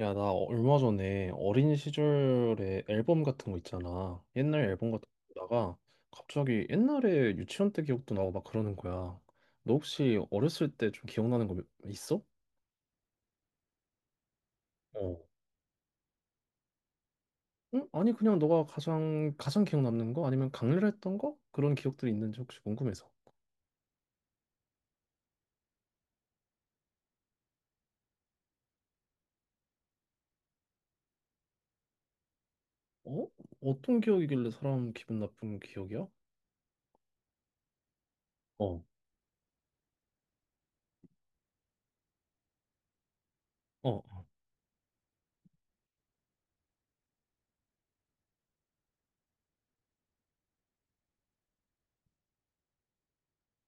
야, 나 얼마 전에 어린 시절에 앨범 같은 거 있잖아. 옛날 앨범 같은 거 보다가 갑자기 옛날에 유치원 때 기억도 나고 막 그러는 거야. 너 혹시 어렸을 때 좀 기억나는 거 있어? 어. 응? 아니, 그냥 너가 가장 기억 남는 거? 아니면 강렬했던 거? 그런 기억들이 있는지 혹시 궁금해서. 어? 어떤 기억이길래 사람 기분 나쁜 기억이야? 어. 어, 어,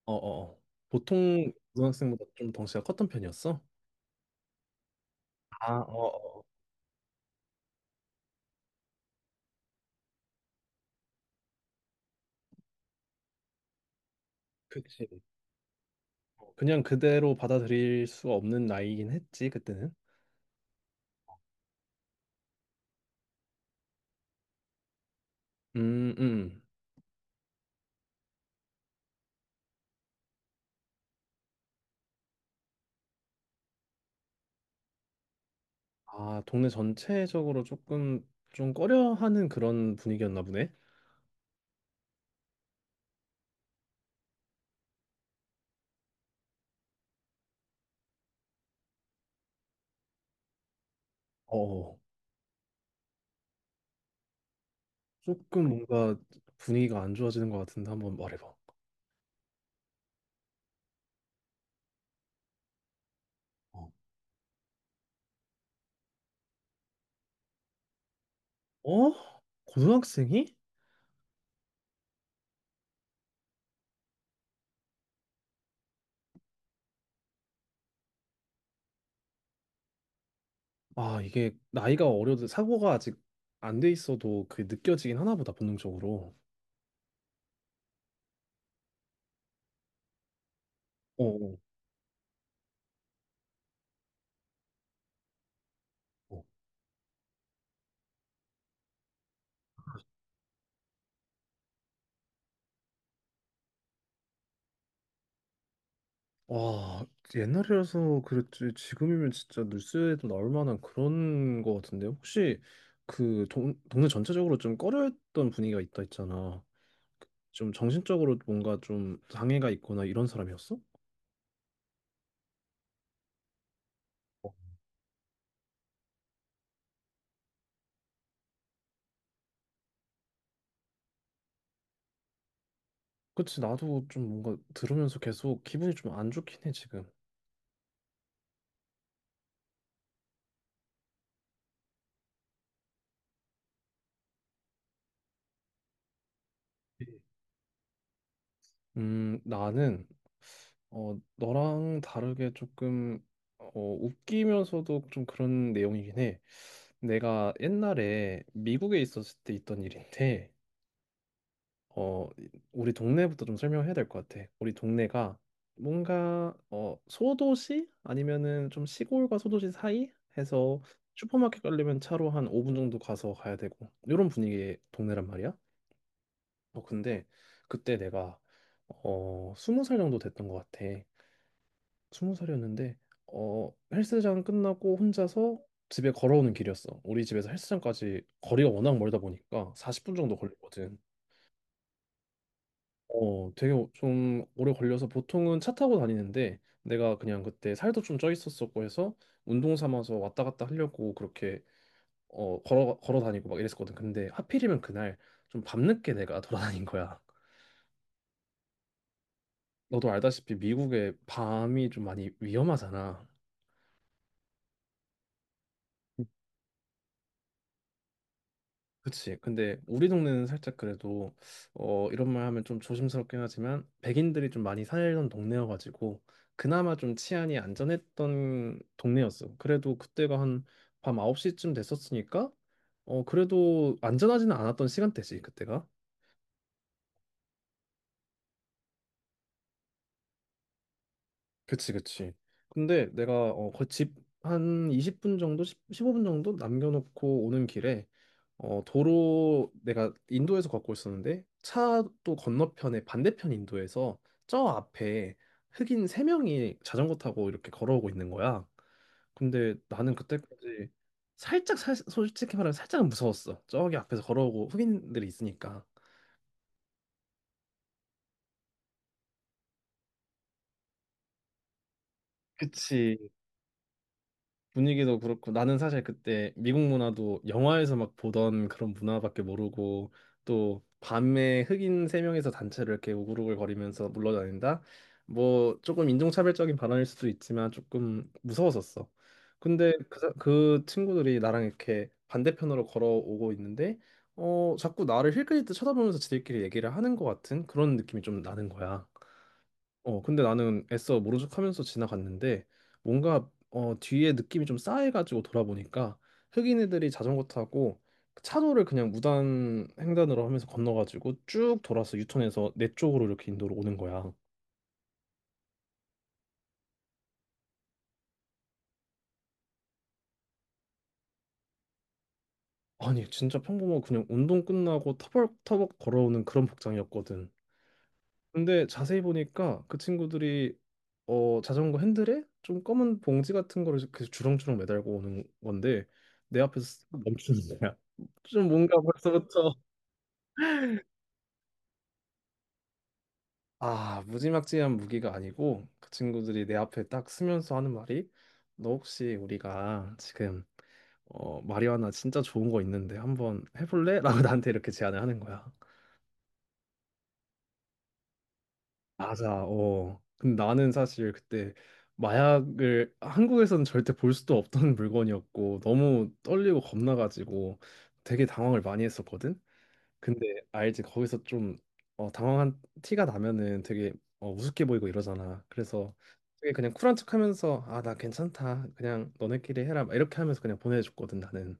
어, 어. 보통 고등학생보다 좀 덩치가 컸던 편이었어? 아, 어, 어. 그치. 그냥 그대로 받아들일 수 없는 나이긴 했지, 그때는. 음, 음. 아, 동네 전체적으로 조금 좀 꺼려하는 그런 분위기였나 보네. 어, 조금 뭔가 분위기가 안 좋아지는 것 같은데 한번 말해봐. 어? 어? 고등학생이? 아, 이게 나이가 어려도 사고가 아직 안 돼 있어도 그 느껴지긴 하나 보다, 본능적으로. 어, 어. 와, 옛날이라서 그랬지. 지금이면 진짜 뉴스에도 나올 만한 그런 거 같은데. 혹시 그 동네 전체적으로 좀 꺼려했던 분위기가 있다 했잖아. 좀 정신적으로 뭔가 좀 장애가 있거나 이런 사람이었어? 어. 그치, 나도 좀 뭔가 들으면서 계속 기분이 좀 안 좋긴 해, 지금. 나는 너랑 다르게 조금 웃기면서도 좀 그런 내용이긴 해. 내가 옛날에 미국에 있었을 때 있던 일인데, 어, 우리 동네부터 좀 설명해야 될 것 같아. 우리 동네가 뭔가 소도시 아니면은 좀 시골과 소도시 사이 해서 슈퍼마켓 가려면 차로 한 5분 정도 가서 가야 되고 이런 분위기의 동네란 말이야. 근데 그때 내가 20살 정도 됐던 것 같아. 스무 살이었는데 헬스장 끝나고 혼자서 집에 걸어오는 길이었어. 우리 집에서 헬스장까지 거리가 워낙 멀다 보니까 40분 정도 걸리거든. 좀 오래 걸려서 보통은 차 타고 다니는데 내가 그냥 그때 살도 좀 쪄 있었었고 해서 운동 삼아서 왔다 갔다 하려고 그렇게 걸어 다니고 막 이랬었거든. 근데 하필이면 그날 좀 밤늦게 내가 돌아다닌 거야. 너도 알다시피 미국의 밤이 좀 많이 위험하잖아. 그치. 근데 우리 동네는 살짝 그래도 이런 말 하면 좀 조심스럽긴 하지만 백인들이 좀 많이 살던 동네여가지고 그나마 좀 치안이 안전했던 동네였어. 그래도 그때가 한 밤 9시쯤 됐었으니까 그래도 안전하지는 않았던 시간대지 그때가. 그치, 그치. 근데 내가 어집한 20분 정도 십0 15분 정도 남겨놓고 오는 길에 도로 내가 인도에서 걷고 있었는데 차도 건너편에 반대편 인도에서 저 앞에 흑인 3명이 자전거 타고 이렇게 걸어오고 있는 거야. 근데 나는 그때까지 솔직히 말하면 살짝은 무서웠어. 저기 앞에서 걸어오고 흑인들이 있으니까. 그치. 분위기도 그렇고 나는 사실 그때 미국 문화도 영화에서 막 보던 그런 문화밖에 모르고 또 밤에 흑인 3명이서 단체로 이렇게 우글우글거리면서 물러다닌다? 뭐 조금 인종차별적인 발언일 수도 있지만 조금 무서웠었어. 근데 그 친구들이 나랑 이렇게 반대편으로 걸어오고 있는데 자꾸 나를 힐끗힐끗 쳐다보면서 지들끼리 얘기를 하는 것 같은 그런 느낌이 좀 나는 거야. 근데 나는 애써 모른 척하면서 지나갔는데 뭔가 뒤에 느낌이 좀 싸해가지고 돌아보니까 흑인 애들이 자전거 타고 그 차도를 그냥 무단 횡단으로 하면서 건너가지고 쭉 돌아서 유턴해서 내 쪽으로 이렇게 인도로 오는 거야. 아니 진짜 평범하고 그냥 운동 끝나고 터벅터벅 걸어오는 그런 복장이었거든. 근데 자세히 보니까 그 친구들이 자전거 핸들에 좀 검은 봉지 같은 거를 그 주렁주렁 매달고 오는 건데 내 앞에서 멈추는 거야. 좀 뭔가 벌써부터. 아, 무지막지한 무기가 아니고 그 친구들이 내 앞에 딱 서면서 하는 말이 너 혹시 우리가 지금 마리화나 진짜 좋은 거 있는데 한번 해볼래? 라고 나한테 이렇게 제안을 하는 거야. 맞아. 어. 근데 나는 사실 그때 마약을 한국에서는 절대 볼 수도 없던 물건이었고 너무 떨리고 겁나가지고 되게 당황을 많이 했었거든. 근데 알지 거기서 좀 당황한 티가 나면은 되게 우습게 보이고 이러잖아. 그래서 되게 그냥 쿨한 척하면서 아, 나 괜찮다. 그냥 너네끼리 해라. 막 이렇게 하면서 그냥 보내줬거든 나는.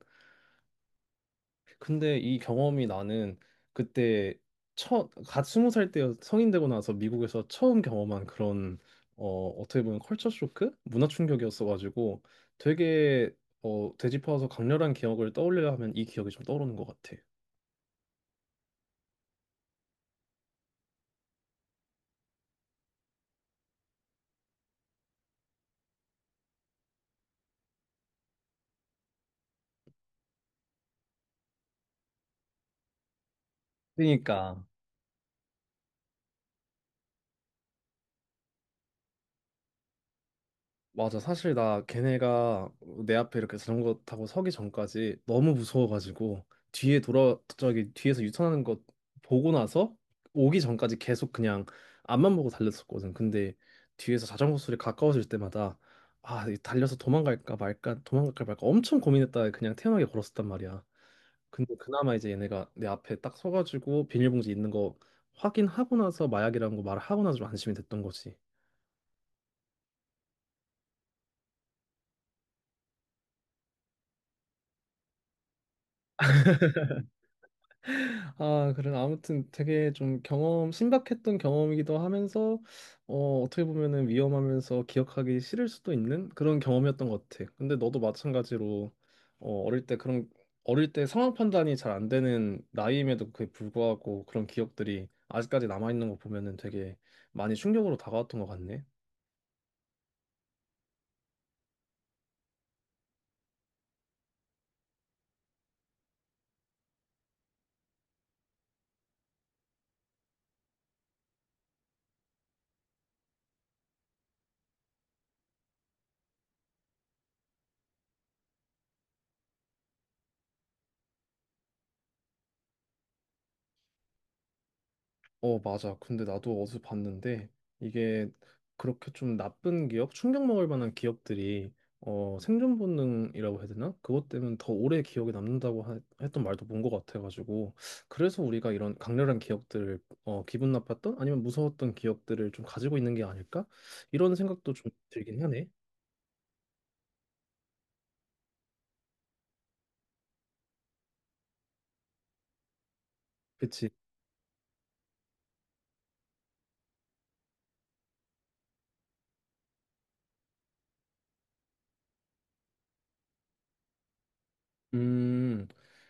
근데 이 경험이 나는 그때 첫갓 20살 때 성인 되고 나서 미국에서 처음 경험한 그런 어떻게 보면 컬처 쇼크? 문화 충격이었어가지고 되게 되짚어서 강렬한 기억을 떠올려 하면 이 기억이 좀 떠오르는 것 같아. 그러니까 맞아. 사실 나 걔네가 내 앞에 이렇게 자전거 타고 서기 전까지 너무 무서워가지고 뒤에 돌아 저기 뒤에서 유턴하는 거 보고 나서 오기 전까지 계속 그냥 앞만 보고 달렸었거든. 근데 뒤에서 자전거 소리 가까워질 때마다 아, 이 달려서 도망갈까 말까 도망갈까 말까 엄청 고민했다가 그냥 태연하게 걸었었단 말이야. 근데 그나마 이제 얘네가 내 앞에 딱 서가지고 비닐봉지 있는 거 확인하고 나서 마약이라는 거 말하고 나서 좀 안심이 됐던 거지. 아, 그래. 아무튼 되게 좀 신박했던 경험이기도 하면서, 어떻게 보면은 위험하면서 기억하기 싫을 수도 있는 그런 경험이었던 것 같아. 근데 너도 마찬가지로, 어, 어릴 때 그런, 어릴 때 상황 판단이 잘 안 되는 나이임에도 그에 불구하고 그런 기억들이 아직까지 남아있는 거 보면은 되게 많이 충격으로 다가왔던 것 같네. 어, 맞아. 근데 나도 어디서 봤는데 이게 그렇게 좀 충격 먹을 만한 기업들이 생존 본능이라고 해야 되나? 그것 때문에 더 오래 기억에 남는다고 했던 말도 본 것 같아가지고 그래서 우리가 이런 강렬한 기억들을 기분 나빴던 아니면 무서웠던 기억들을 좀 가지고 있는 게 아닐까? 이런 생각도 좀 들긴 하네. 그치? 음,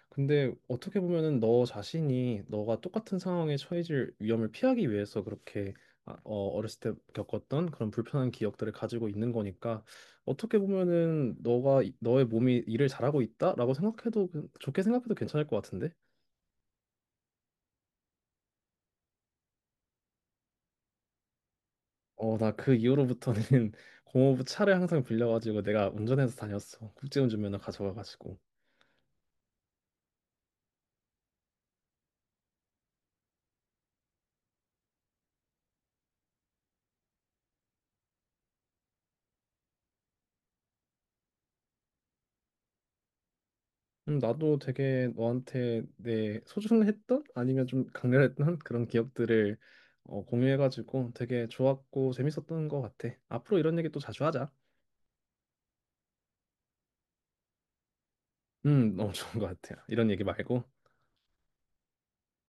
근데 어떻게 보면은 너 자신이 너가 똑같은 상황에 처해질 위험을 피하기 위해서 그렇게 어렸을 때 겪었던 그런 불편한 기억들을 가지고 있는 거니까 어떻게 보면은 너가 너의 몸이 일을 잘하고 있다라고 생각해도 좋게 생각해도 괜찮을 것 같은데? 나 그 이후로부터는 공허부 차를 항상 빌려가지고 내가 운전해서 다녔어. 국제운전면허 가져가가지고. 나도 되게 너한테 내 소중했던 아니면 좀 강렬했던 그런 기억들을 공유해가지고 되게 좋았고 재밌었던 것 같아. 앞으로 이런 얘기 또 자주 하자. 너무 좋은 것 같아. 이런 얘기 말고.